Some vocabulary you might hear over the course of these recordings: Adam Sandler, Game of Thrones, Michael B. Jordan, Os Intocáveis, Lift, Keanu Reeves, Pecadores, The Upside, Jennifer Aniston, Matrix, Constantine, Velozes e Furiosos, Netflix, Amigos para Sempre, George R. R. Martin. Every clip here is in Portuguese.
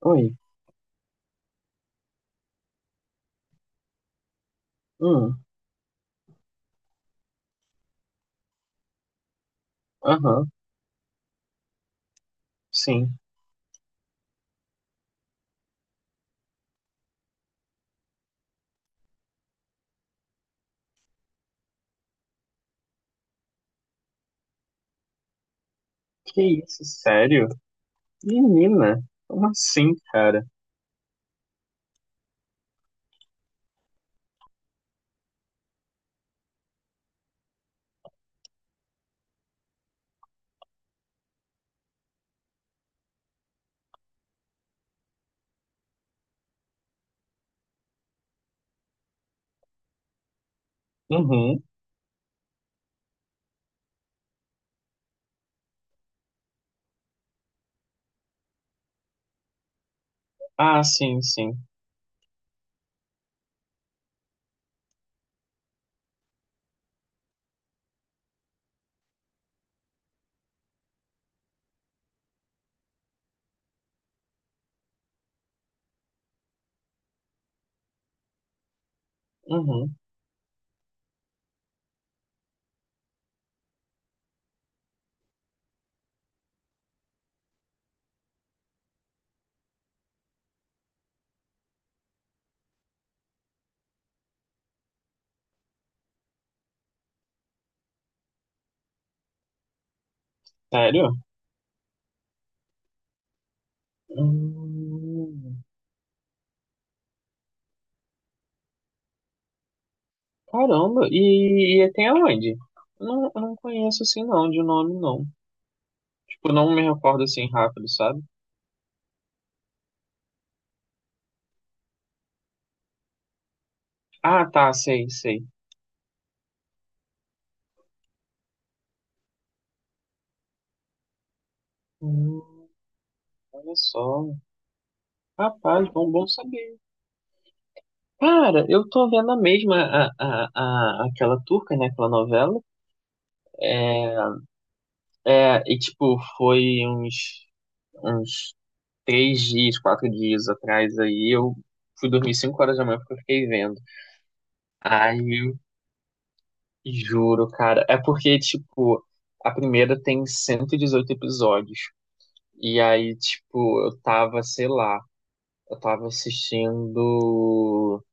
Oi. Hum. Aham. Sim. Que isso, sério? Menina, como assim, cara? Uhum. Ah, sim, sim. Uhum. Sério? Hum. Caramba. E tem aonde? Não, eu não conheço assim não, de nome não. Tipo, não me recordo assim rápido, sabe? Ah, tá, sei, sei. Hum, olha só. Rapaz, bom, bom saber. Cara, eu tô vendo a mesma, aquela turca, né? Aquela novela. É, e tipo, foi uns, uns 3 dias, 4 dias atrás aí, eu fui dormir 5 horas da manhã porque eu fiquei vendo. Aí, juro, cara, é porque, tipo, a primeira tem 118 episódios. E aí, tipo, eu tava, sei lá, eu tava assistindo.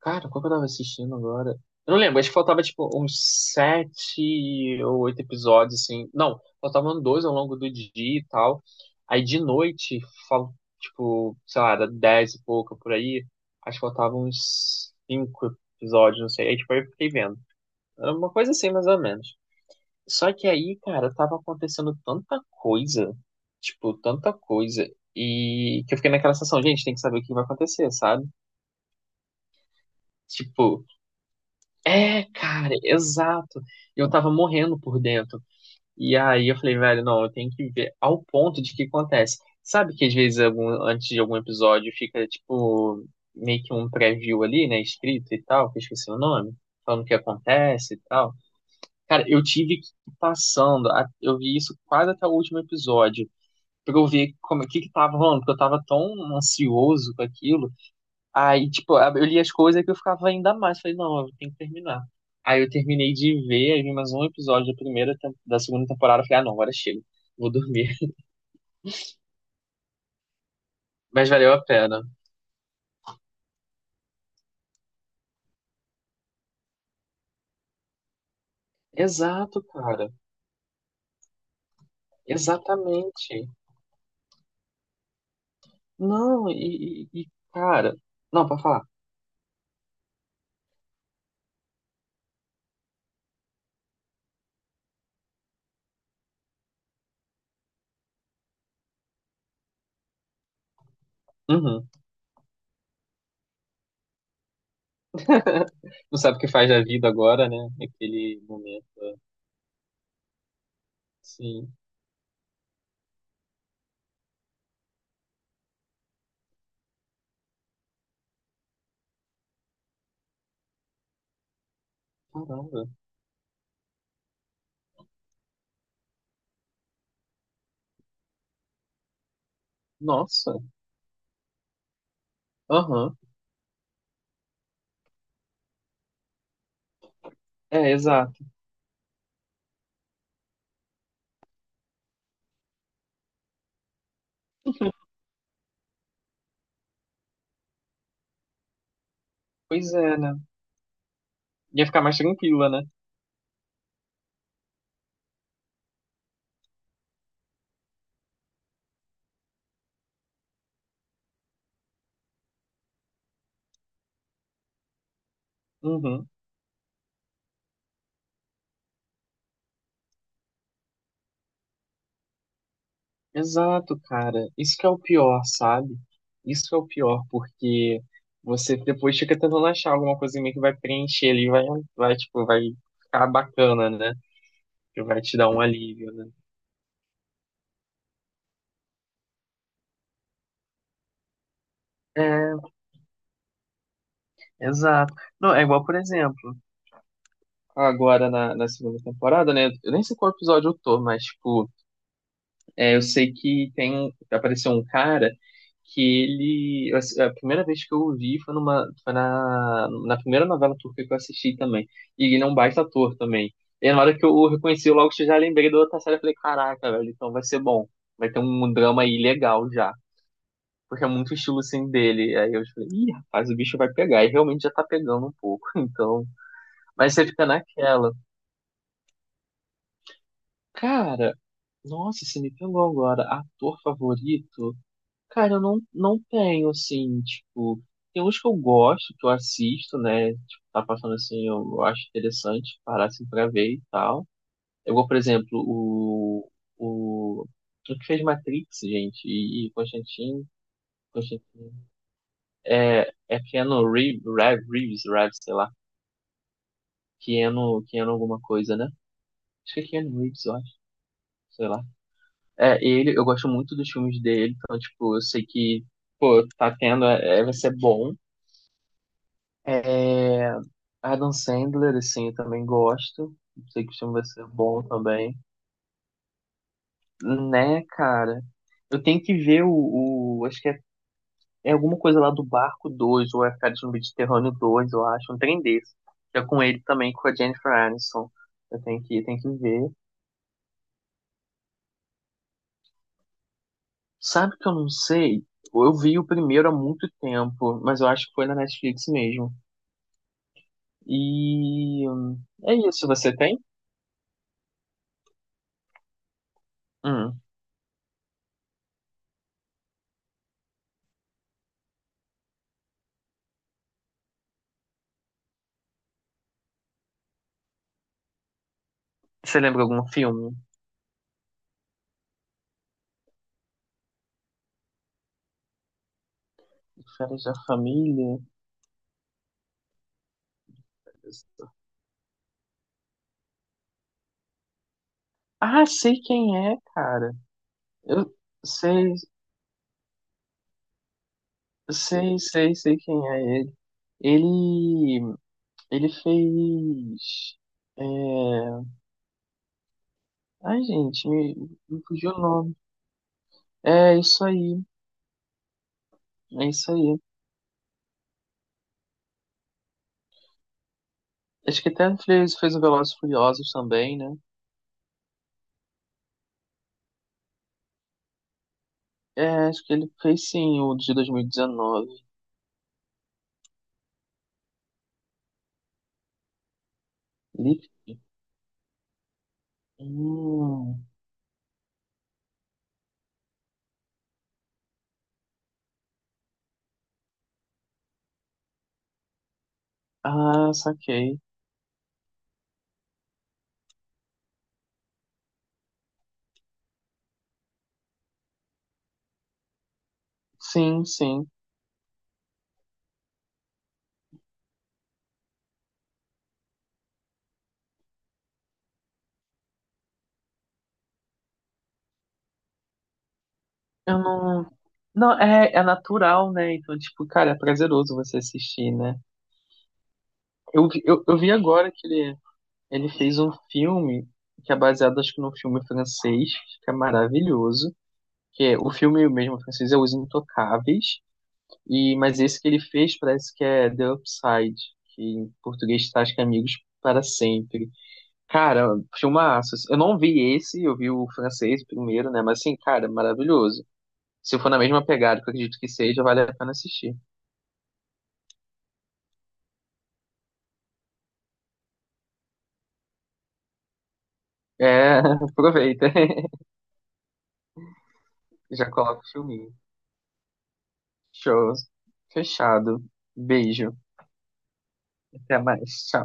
Cara, qual que eu tava assistindo agora? Eu não lembro, acho que faltava tipo uns 7 ou 8 episódios, assim. Não, faltavam dois ao longo do dia e tal. Aí de noite, fal... tipo, sei lá, era 10 e pouco por aí. Acho que faltavam uns 5 episódios, não sei. Aí tipo, aí eu fiquei vendo. Era uma coisa assim, mais ou menos. Só que aí, cara, tava acontecendo tanta coisa, tipo, tanta coisa. E que eu fiquei naquela sensação, gente, tem que saber o que vai acontecer, sabe? Tipo. É, cara, exato. Eu tava morrendo por dentro. E aí eu falei, velho, não, eu tenho que ver ao ponto de que acontece. Sabe que às vezes antes de algum episódio fica tipo meio que um preview ali, né, escrito e tal, que eu esqueci o nome, falando o que acontece e tal. Cara, eu tive que ir passando, eu vi isso quase até o último episódio, pra eu ver como o que que tava rolando, porque eu tava tão ansioso com aquilo. Aí, tipo, eu li as coisas que eu ficava ainda mais. Falei, não, eu tenho que terminar. Aí eu terminei de ver, aí vi mais um episódio da primeira, da segunda temporada. Eu falei, ah, não, agora chega. Vou dormir. Mas valeu a pena. Exato, cara. Exatamente. Não, e, cara. Não, pra falar. Uhum. Não sabe o que faz da vida agora, né? Naquele momento. Sim. Caramba. Nossa. Aham. É, exato. Pois é, né? Ia ficar mais tranquila, né? Uhum. Exato, cara. Isso que é o pior, sabe? Isso que é o pior, porque você depois fica tentando achar alguma coisinha que vai preencher ali, tipo, vai ficar bacana, né? Que vai te dar um alívio, né? É, exato. Não, é igual, por exemplo, agora na segunda temporada, né? Eu nem sei qual episódio eu tô, mas, tipo, é, eu sei que tem, apareceu um cara. Que ele. Assim, a primeira vez que eu o vi foi na primeira novela turca que eu assisti também. E ele é um baita ator também. E na hora que eu o reconheci, eu logo já lembrei da outra série. Eu falei, caraca, velho, então vai ser bom. Vai ter um drama aí legal já. Porque é muito estilo assim dele. Aí eu falei, ih, rapaz, o bicho vai pegar. E realmente já tá pegando um pouco. Então. Mas você fica naquela. Cara, nossa, você me pegou agora. Ator favorito. Cara, eu não tenho, assim, tipo, tem uns que eu gosto, que eu assisto, né? Tipo, tá passando assim, eu acho interessante parar assim pra ver e tal. Eu vou, por exemplo, o, o que fez Matrix, gente, e Constantine, Constantine, é Keanu Reeves, Reeves, Reeves, sei lá, Keanu, Keanu alguma coisa, né? Acho que é Keanu Reeves, eu acho, sei lá. É, ele, eu gosto muito dos filmes dele, então, tipo, eu sei que, pô, tá tendo, é, vai ser bom. É, Adam Sandler, assim, eu também gosto. Sei que o filme vai ser bom também. Né, cara? Eu tenho que ver acho que é, alguma coisa lá do Barco 2 ou é Férias no Mediterrâneo 2 eu acho, um trem desse. Que é com ele também, com a Jennifer Aniston. Eu tenho que ver. Sabe que eu não sei? Eu vi o primeiro há muito tempo, mas eu acho que foi na Netflix mesmo. E é isso, você tem? Hum. Você lembra algum filme? Férias da Família? Ah, sei quem é, cara. Eu sei, sei, sei, sei quem é ele. Ele, ele fez. É... Ai, gente, me fugiu o nome. É isso aí, é isso aí. Acho que até fez o Velozes e Furiosos também, né? É, acho que ele fez sim o de 2019. Lift? Hum. Ah, saquei. Sim, sim. Eu não. Não, é natural, né? Então, tipo, cara, é prazeroso você assistir, né? Eu vi agora que ele fez um filme que é baseado, acho que, num filme francês, que é maravilhoso. Que é, o filme mesmo francês é Os Intocáveis, e, mas esse que ele fez parece que é The Upside, que em português tá, acho que é Amigos para Sempre. Cara, filmaço. Assim, eu não vi esse, eu vi o francês primeiro, né? Mas, assim, cara, maravilhoso. Se for na mesma pegada, que eu acredito que seja, vale a pena assistir. É, aproveita. Já coloca o filminho. Show. Fechado. Beijo. Até mais. Tchau.